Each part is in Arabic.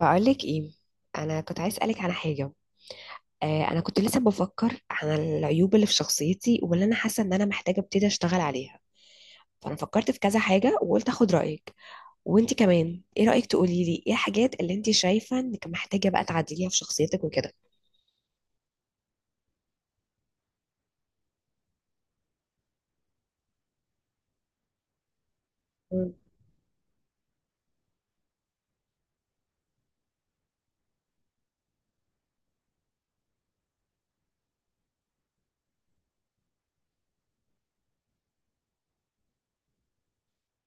بقولك ايه، انا كنت عايز اسالك على حاجه. انا كنت لسه بفكر على العيوب اللي في شخصيتي واللي انا حاسه ان انا محتاجه ابتدي اشتغل عليها، فانا فكرت في كذا حاجه وقلت اخد رايك. وانت كمان، ايه رايك تقولي لي ايه الحاجات اللي انت شايفه انك محتاجه بقى تعدليها في شخصيتك وكده؟ مم.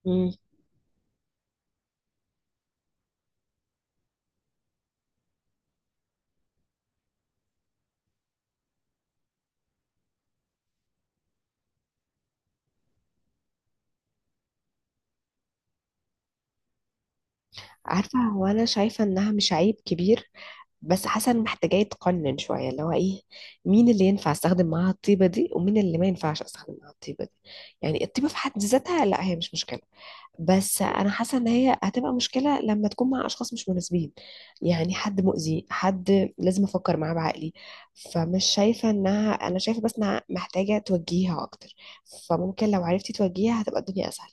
مم. عارفه، هو انا شايفه انها مش عيب كبير، بس حاسه ان محتاجه يتقنن شويه، اللي هو ايه؟ مين اللي ينفع استخدم معاها الطيبه دي ومين اللي ما ينفعش استخدم معاها الطيبه دي. يعني الطيبه في حد ذاتها لا، هي مش مشكله، بس انا حاسه ان هي هتبقى مشكله لما تكون مع اشخاص مش مناسبين. يعني حد مؤذي، حد لازم افكر معاه بعقلي. فمش شايفه انها، انا شايفه بس انها محتاجه توجيهها اكتر، فممكن لو عرفتي توجيهها هتبقى الدنيا اسهل.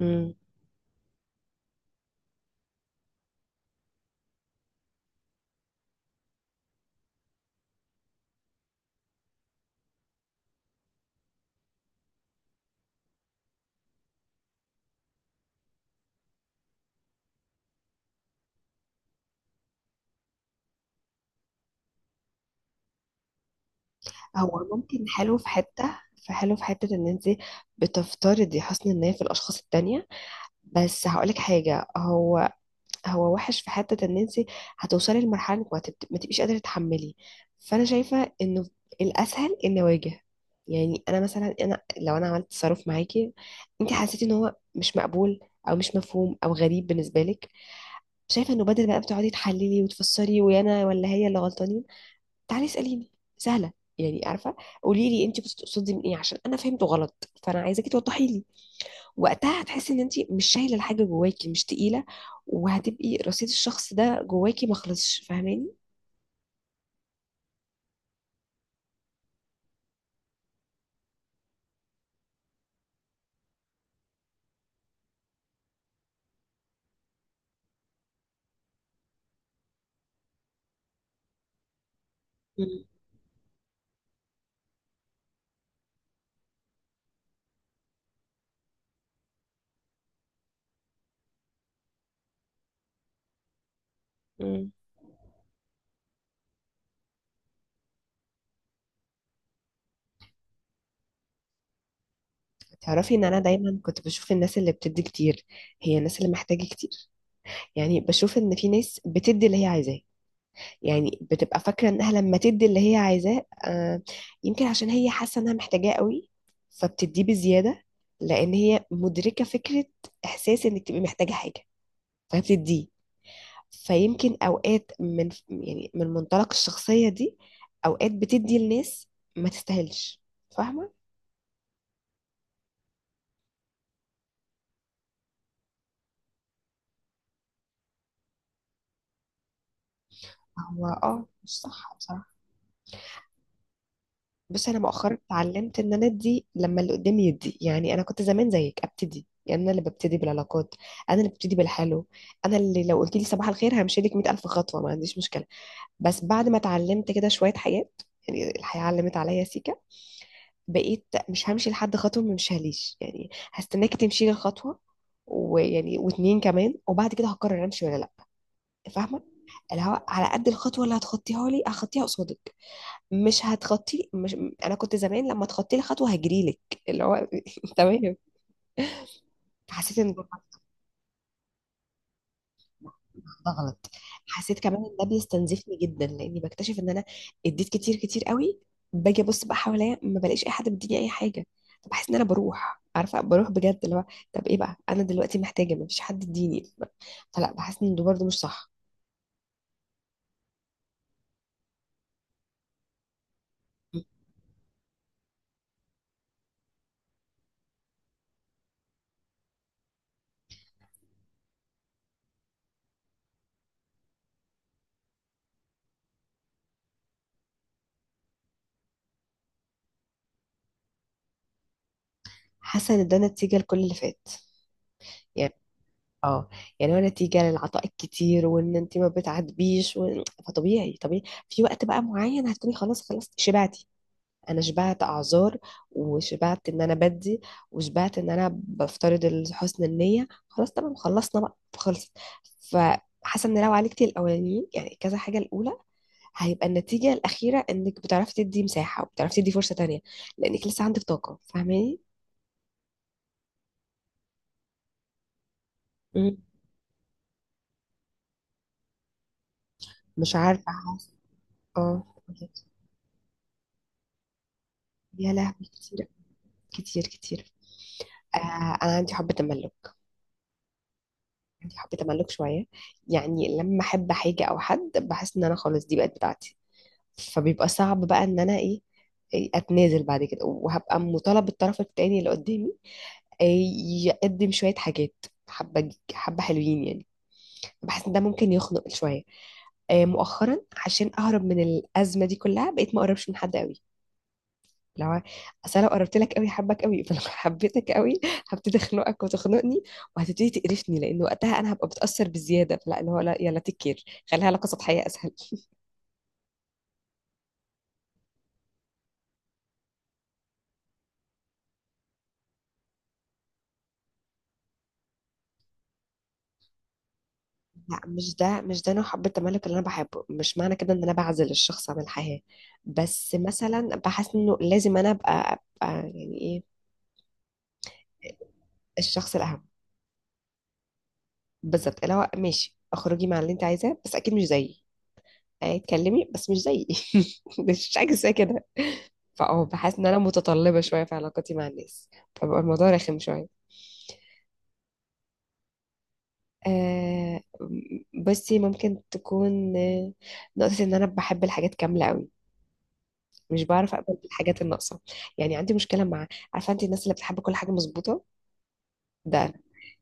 امم هو ممكن حلو في حته، فحلو في حته ان انت بتفترضي حسن النيه في الاشخاص التانية. بس هقولك حاجه، هو وحش في حتة ان انت هتوصلي لمرحلة انك ما تبقيش قادرة تتحملي. فانا شايفة انه الاسهل ان اواجه. يعني انا مثلا، لو انا عملت تصرف معاكي، انت حسيتي ان هو مش مقبول او مش مفهوم او غريب بالنسبة لك، شايفة انه بدل بقى بتقعدي تحللي وتفسري ويا انا ولا هي اللي غلطانين، تعالي اسأليني، سهلة. يعني عارفة، قولي لي انت بتقصدي من ايه عشان انا فهمته غلط، فانا عايزاكي توضحي لي. وقتها هتحسي ان انت مش شايله الحاجه جواكي، مش تقيله، وهتبقي رصيد الشخص ده جواكي ما خلصش. فاهماني؟ مم. مم. تعرفي ان انا دايما كنت بشوف الناس اللي بتدي كتير هي الناس اللي محتاجه كتير. يعني بشوف ان في ناس بتدي اللي هي عايزاه. يعني بتبقى فاكره انها لما تدي اللي هي عايزاه، آه، يمكن عشان هي حاسه انها محتاجاه قوي، فبتديه بزياده، لان هي مدركه فكره، احساس انك تبقي محتاجه حاجه، فبتديه. فيمكن اوقات يعني من منطلق الشخصية دي اوقات بتدي لناس ما تستاهلش. فاهمة؟ هو اه، مش صح بصراحة. بس انا مؤخرا اتعلمت ان انا ادي لما اللي قدامي يدي. يعني انا كنت زمان زيك، ابتدي، يعني انا اللي ببتدي بالعلاقات، انا اللي ببتدي بالحلو. انا اللي لو قلت لي صباح الخير همشي لك 100,000 خطوة، ما عنديش مشكلة. بس بعد ما اتعلمت كده شوية حاجات، يعني الحياة علمت عليا سيكا، بقيت مش همشي لحد خطوة ما مشيهاليش. يعني هستناكي تمشي لي الخطوة ويعني واتنين كمان، وبعد كده هقرر امشي ولا لا. فاهمة؟ اللي هو على قد الخطوة اللي هتخطيها لي هخطيها قصادك. مش هتخطي مش انا كنت زمان لما تخطي لي خطوة هجري لك، اللي هو تمام. حسيت ان ده غلط. حسيت كمان ان ده بيستنزفني جدا، لاني بكتشف ان انا اديت كتير كتير قوي. باجي ابص بقى حواليا ما بلاقيش اي حد بيديني اي حاجه، فبحس ان انا بروح، عارفه، بروح بجد. اللي هو طب ايه بقى، انا دلوقتي محتاجه، ما فيش حد يديني، فلا، بحس ان ده برضه مش صح. حاسه ان ده نتيجه لكل اللي فات. يعني اه، يعني هو نتيجه للعطاء الكتير وان انت ما بتعاتبيش فطبيعي طبيعي في وقت بقى معين هتكوني خلاص، خلاص شبعتي. انا شبعت اعذار، وشبعت ان انا بدي، وشبعت ان انا بفترض حسن النيه. خلاص تمام، خلصنا بقى، خلصت. فحاسه ان لو عالجتي الاولانيين، يعني كذا حاجه الاولى، هيبقى النتيجه الاخيره انك بتعرفي تدي مساحه وبتعرفي تدي فرصه تانية، لانك لسه عندك طاقه. فاهماني؟ مم. مش عارفه، حاسه. اه. يا لهوي كتير، كتير كتير. آه انا عندي حب تملك. عندي حب تملك شويه. يعني لما احب حاجه او حد بحس ان انا خلاص دي بقت بتاعتي، فبيبقى صعب بقى ان انا ايه، إيه، اتنازل بعد كده، وهبقى مطالب الطرف التاني اللي قدامي، إيه، يقدم شوية حاجات، حبة حبة حلوين يعني. بحس ان ده ممكن يخنق شوية. مؤخرا عشان اهرب من الازمه دي كلها بقيت ما اقربش من حد قوي. لو، اصل لو قربت لك قوي، حبك قوي، فلو حبيتك قوي هبتدي اخنقك وتخنقني، وهتبتدي تقرفني، لان وقتها انا هبقى بتاثر بزياده. فلا اللي هو لا، يلا تكير، خليها علاقه سطحيه اسهل. لا مش ده نوع حب التملك اللي انا بحبه. مش معنى كده ان انا بعزل الشخص عن الحياة، بس مثلا بحس انه لازم انا أبقى يعني ايه، الشخص الاهم. بالظبط، اللي هو ماشي، اخرجي مع اللي انت عايزاه، بس اكيد مش زيي. اتكلمي بس مش زيي. مش حاجه زي كده. فاه، بحس ان انا متطلبه شويه في علاقتي مع الناس، فبقى الموضوع رخم شويه. آه بصي، ممكن تكون نقطة إن أنا بحب الحاجات كاملة أوي، مش بعرف اقبل بالحاجات الناقصه. يعني عندي مشكله مع، عارفه انت الناس اللي بتحب كل حاجه مظبوطه؟ ده أنا.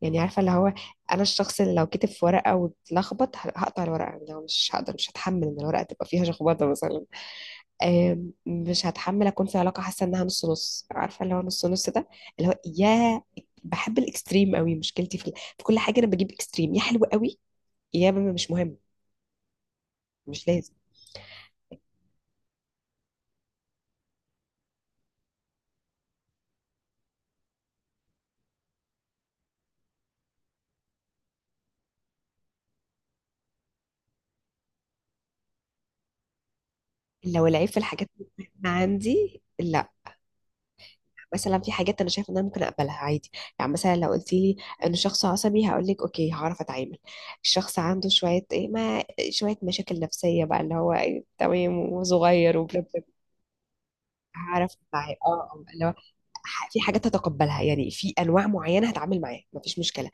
يعني عارفه، اللي هو انا الشخص اللي لو كتب في ورقه واتلخبط هقطع الورقه. يعني لو مش هقدر، مش هتحمل ان الورقه تبقى فيها شخبطه مثلا. مش هتحمل اكون في علاقه حاسه انها نص نص. عارفه اللي هو نص نص ده، اللي هو يا، بحب الاكستريم قوي. مشكلتي في كل حاجه انا بجيب اكستريم، يا حلو قوي، يا مش مهم، مش لازم. لو العيب في الحاجات اللي عندي، لا، مثلا في حاجات انا شايفه ان انا ممكن اقبلها عادي. يعني مثلا لو قلت لي انه شخص عصبي، هقول لك اوكي هعرف اتعامل. الشخص عنده شويه ايه، ما، شويه مشاكل نفسيه بقى، اللي هو إيه، تمام، وصغير، وبلا بلا بلا. هعرف أتع- اه، اللي هو، في حاجات هتقبلها. يعني في انواع معينه هتعامل معاها مفيش مشكله.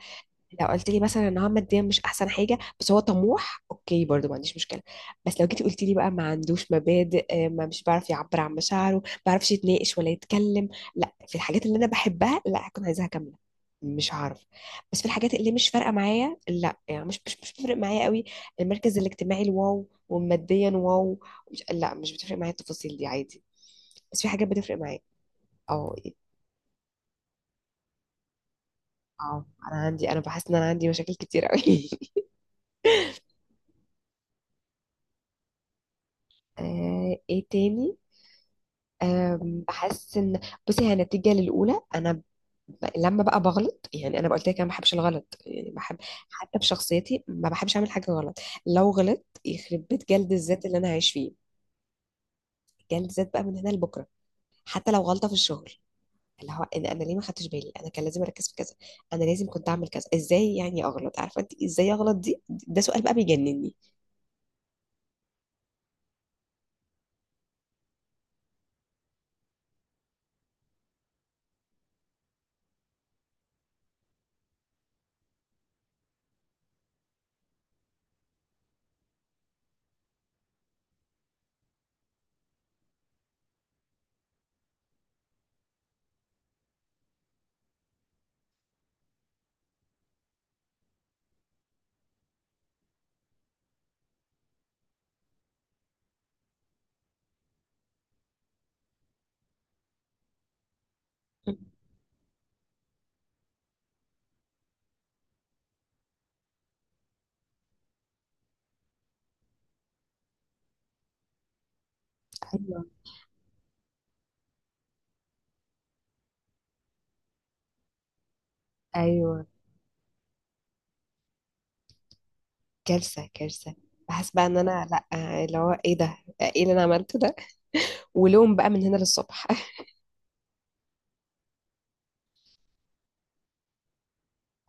لو قلت لي مثلا ان هو ماديا مش احسن حاجه، بس هو طموح، اوكي، برضو ما عنديش مشكله. بس لو جيتي قلت لي بقى ما عندوش مبادئ، ما، مش بيعرف يعبر عن مشاعره، ما بيعرفش يتناقش ولا يتكلم، لا. في الحاجات اللي انا بحبها، لا، هكون عايزاها كامله. مش هعرف. بس في الحاجات اللي مش فارقه معايا، لا، يعني مش بتفرق معايا قوي. المركز الاجتماعي الواو، وماديا واو، مش، لا، مش بتفرق معايا التفاصيل دي، عادي. بس في حاجات بتفرق معايا. اه. اه عندي انا بحس ان انا عندي مشاكل كتير قوي. ايه تاني؟ بحس ان، بصي هي نتيجة للأولى. لما بقى بغلط، يعني أنا قلت لك أنا ما بحبش الغلط. يعني بحب حتى في شخصيتي ما بحبش أعمل حاجة غلط. لو غلط يخرب بيت، جلد الذات اللي أنا عايش فيه، جلد الذات بقى من هنا لبكرة. حتى لو غلطة في الشغل، اللي هو إن أنا ليه ما خدتش بالي، أنا كان لازم أركز في كذا، أنا لازم كنت أعمل كذا. إزاي يعني أغلط؟ عارفة أنت إزاي أغلط دي؟ ده سؤال بقى بيجنني. ايوه. ايوه. كارثه، كارثه. بحس بقى ان انا، لا، اللي هو ايه ده، ايه اللي انا عملته ده؟ ولوم بقى من هنا للصبح.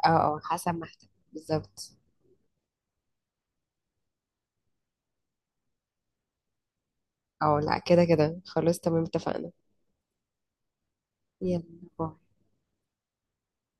اه حسب ما احتاج بالظبط. اه، لا كده كده، خلاص تمام، اتفقنا. يلا، باي.